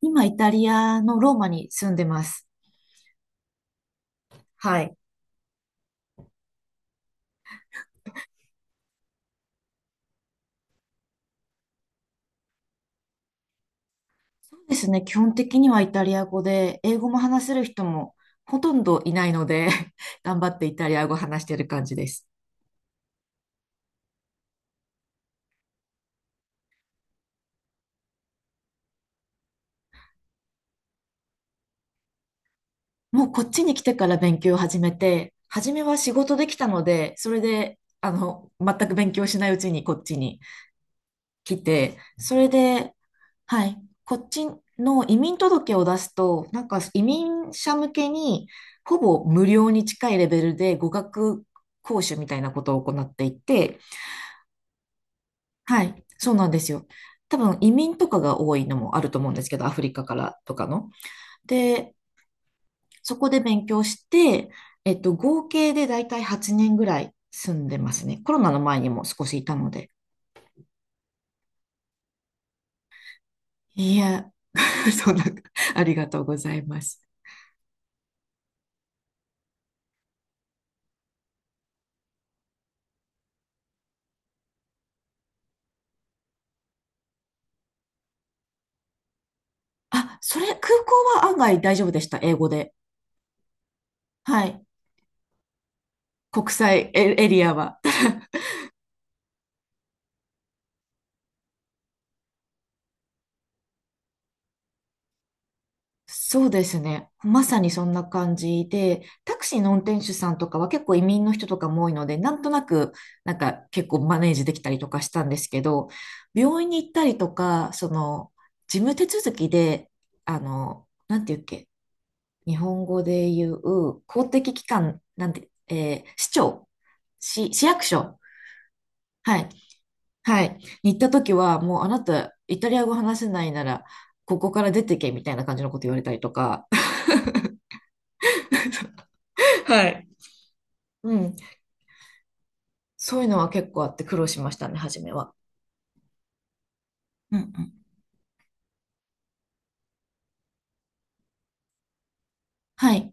今、イタリアのローマに住んでます。はい。そうですね。基本的にはイタリア語で、英語も話せる人もほとんどいないので 頑張ってイタリア語話してる感じです。もうこっちに来てから勉強を始めて、初めは仕事できたので、それで、全く勉強しないうちにこっちに来て、それで、はい、こっちの移民届を出すと、なんか移民者向けに、ほぼ無料に近いレベルで語学講習みたいなことを行っていて、はい、そうなんですよ。多分移民とかが多いのもあると思うんですけど、アフリカからとかの。で、そこで勉強して、合計でだいたい8年ぐらい住んでますね。コロナの前にも少しいたので。いや、そんな、ありがとうございます。あ、それ、空港は案外大丈夫でした、英語で。はい。国際エリアは。そうですね。まさにそんな感じで、タクシーの運転手さんとかは結構移民の人とかも多いので、なんとなく、なんか結構マネージできたりとかしたんですけど、病院に行ったりとか、その、事務手続きで、なんていうっけ、日本語で言う、公的機関、なんて、市庁、市、市役所、はい、はい。に行った時は、もうあなた、イタリア語話せないなら、ここから出てけみたいな感じのこと言われたりとか、はい。うん。そういうのは結構あって苦労しましたね、初めは。うんうん。はい。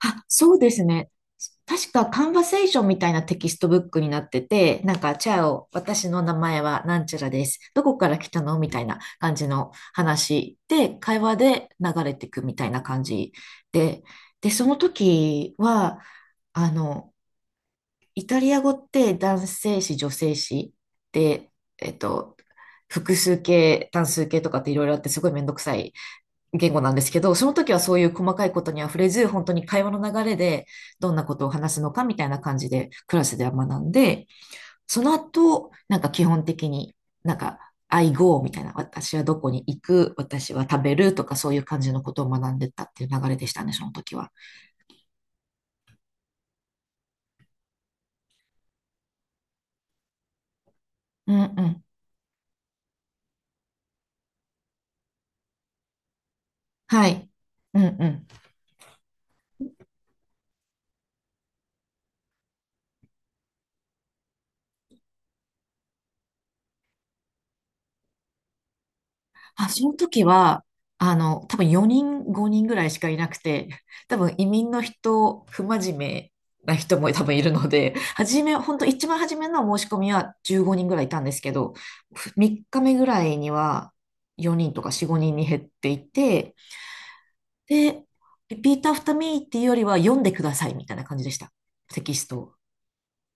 あ、そうですね。確か、カンバセーションみたいなテキストブックになってて、なんか、チャオ、私の名前はなんちゃらです。どこから来たのみたいな感じの話で、会話で流れていくみたいな感じで、で、その時は、あの、イタリア語って男性詞、女性詞で、えっと、複数形、単数形とかっていろいろあってすごいめんどくさい言語なんですけど、その時はそういう細かいことには触れず、本当に会話の流れでどんなことを話すのかみたいな感じでクラスでは学んで、その後、なんか基本的になんか I go みたいな、私はどこに行く、私は食べるとかそういう感じのことを学んでったっていう流れでしたね、その時は。うんうん。はい。うんうん。あ、その時は、多分4人、5人ぐらいしかいなくて、多分移民の人、不真面目な人も多分いるので、初め、本当一番初めの申し込みは15人ぐらいいたんですけど、3日目ぐらいには4人とか4、5人に減っていて、で、リピートアフターミーっていうよりは読んでくださいみたいな感じでした。テキストを。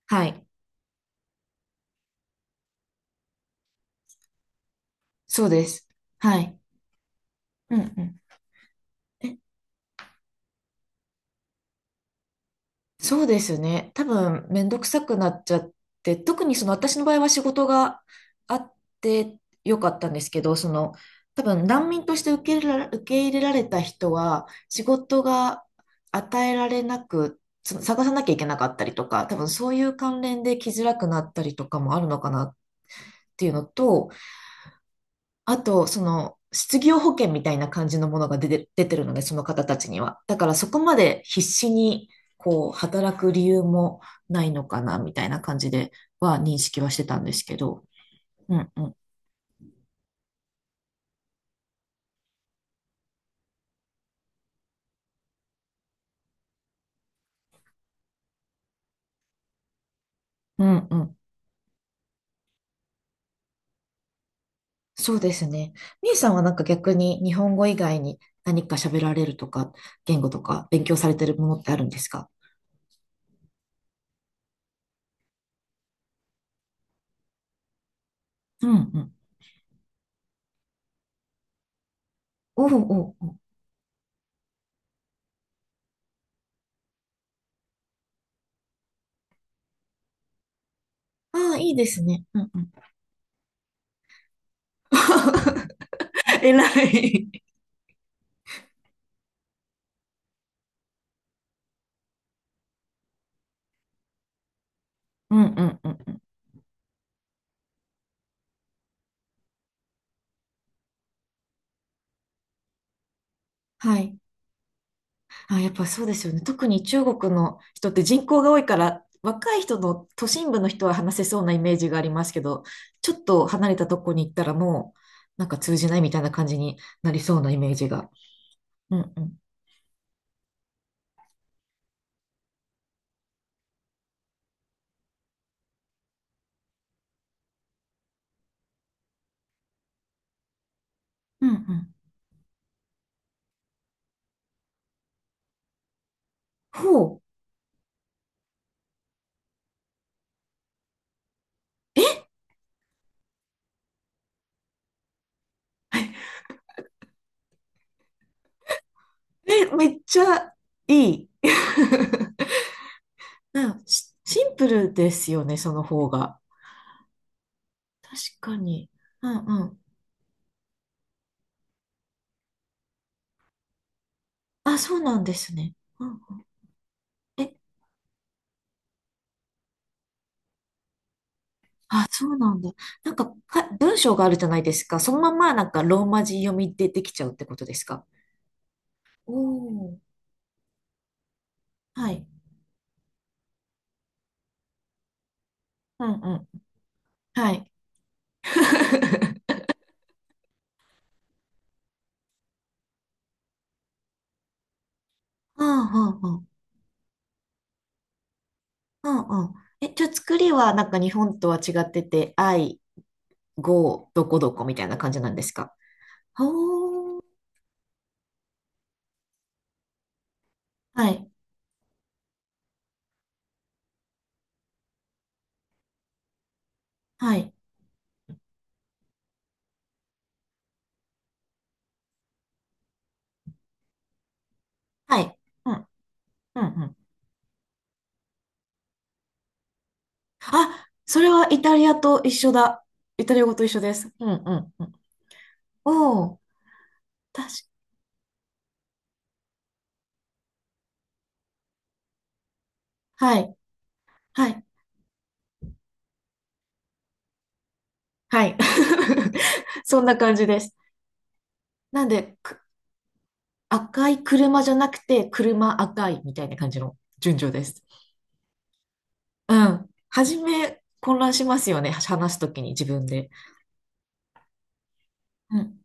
はい。そうです。はい。うんうん。えそうですね。多分、めんどくさくなっちゃって、特にその私の場合は仕事があってよかったんですけど、その、多分難民として受け入れられた人は、仕事が与えられなく、つ探さなきゃいけなかったりとか、多分そういう関連で来づらくなったりとかもあるのかなっていうのと、あと、その、失業保険みたいな感じのものが出てるので、その方たちには。だからそこまで必死に、こう、働く理由もないのかな、みたいな感じでは認識はしてたんですけど。うんうん。うんうん。そうですね。みえさんはなんか逆に日本語以外に何か喋られるとか、言語とか勉強されてるものってあるんですか？うんうん。おうおうおう。ああ、いいですね。うんうん。偉い。うんうんうんうん。はい。あ、やっぱそうですよね。特に中国の人って人口が多いから、若い人の都心部の人は話せそうなイメージがありますけど、ちょっと離れたとこに行ったらもう、なんか通じないみたいな感じになりそうなイメージが。うんうん。うんうん。ほう。え、めっちゃいい。うん。シンプルですよね、その方が。確かに。うんうん。あ、そうなんですね。うんうん。えあ、そうなんだ。なんか、文章があるじゃないですか。そのままなんかローマ字読みでできちゃうってことですか？おおー、はい。うんうん。はい。うんうんうん。うんうん。え、じゃあ作りはなんか日本とは違ってて、語、どこどこみたいな感じなんですか？おー。はい。はい。はい。うん。うんうん。あ、それはイタリアと一緒だ。イタリア語と一緒です。うんうんうん。おー。確か。はい。はい。はい。そんな感じです。なんで、赤い車じゃなくて、車赤いみたいな感じの順序です。うん。初め、混乱しますよね。話すときに自分で。うん。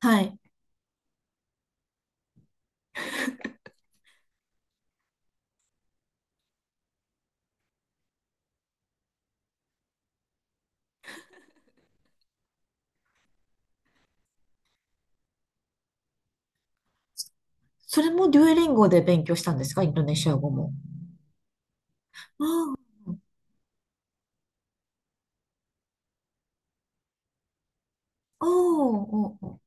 はい。それもデュエリンゴで勉強したんですか？インドネシア語も。ああ、おーおー、おー、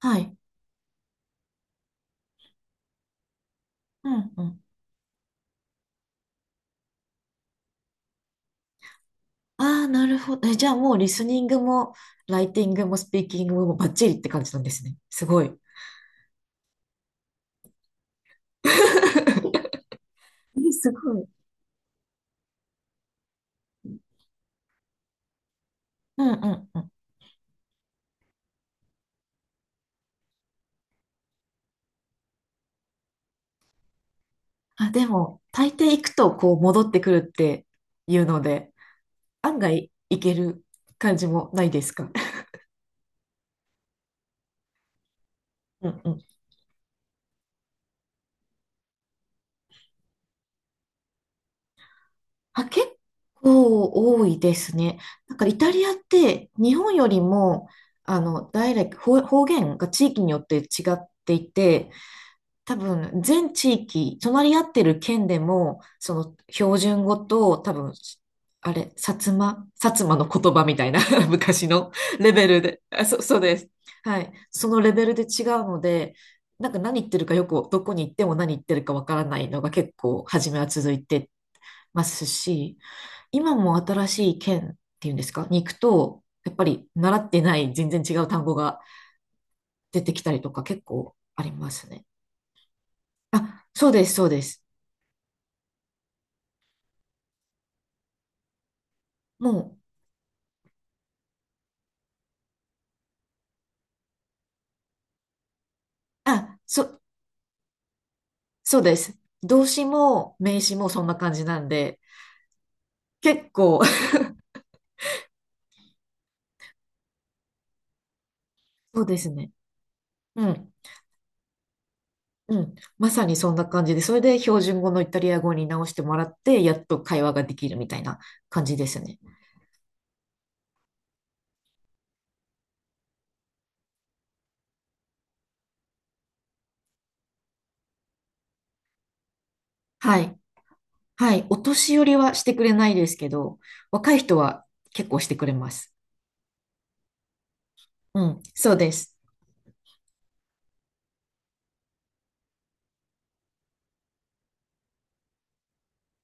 はい。うんうん。ああ、なるほど。え、じゃあもうリスニングも、ライティングも、スピーキングもバッチリって感じなんですね。すごい。すごい。うんうんうん。あ、でも、大抵行くとこう戻ってくるっていうので、案外行ける感じもないですか？うんうん。あ、結構多いですね。なんかイタリアって日本よりも、ダイレクト、方言が地域によって違っていて、多分、全地域、隣り合ってる県でも、その標準語と、多分、あれ、薩摩の言葉みたいな 昔のレベルで、あ、そうです。はい。そのレベルで違うので、なんか何言ってるかよく、どこに行っても何言ってるかわからないのが結構、初めは続いてますし、今も新しい県っていうんですか、に行くと、やっぱり習ってない全然違う単語が出てきたりとか結構ありますね。あ、そうです、そうです。もう、あ、そうです。動詞も名詞もそんな感じなんで、結構、そうですね。うん、うん。まさにそんな感じで、それで標準語のイタリア語に直してもらって、やっと会話ができるみたいな感じですね。はい。はい。お年寄りはしてくれないですけど、若い人は結構してくれます。うん、そうです。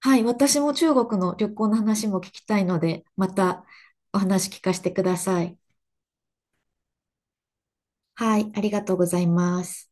はい。私も中国の旅行の話も聞きたいので、またお話聞かせてください。はい。ありがとうございます。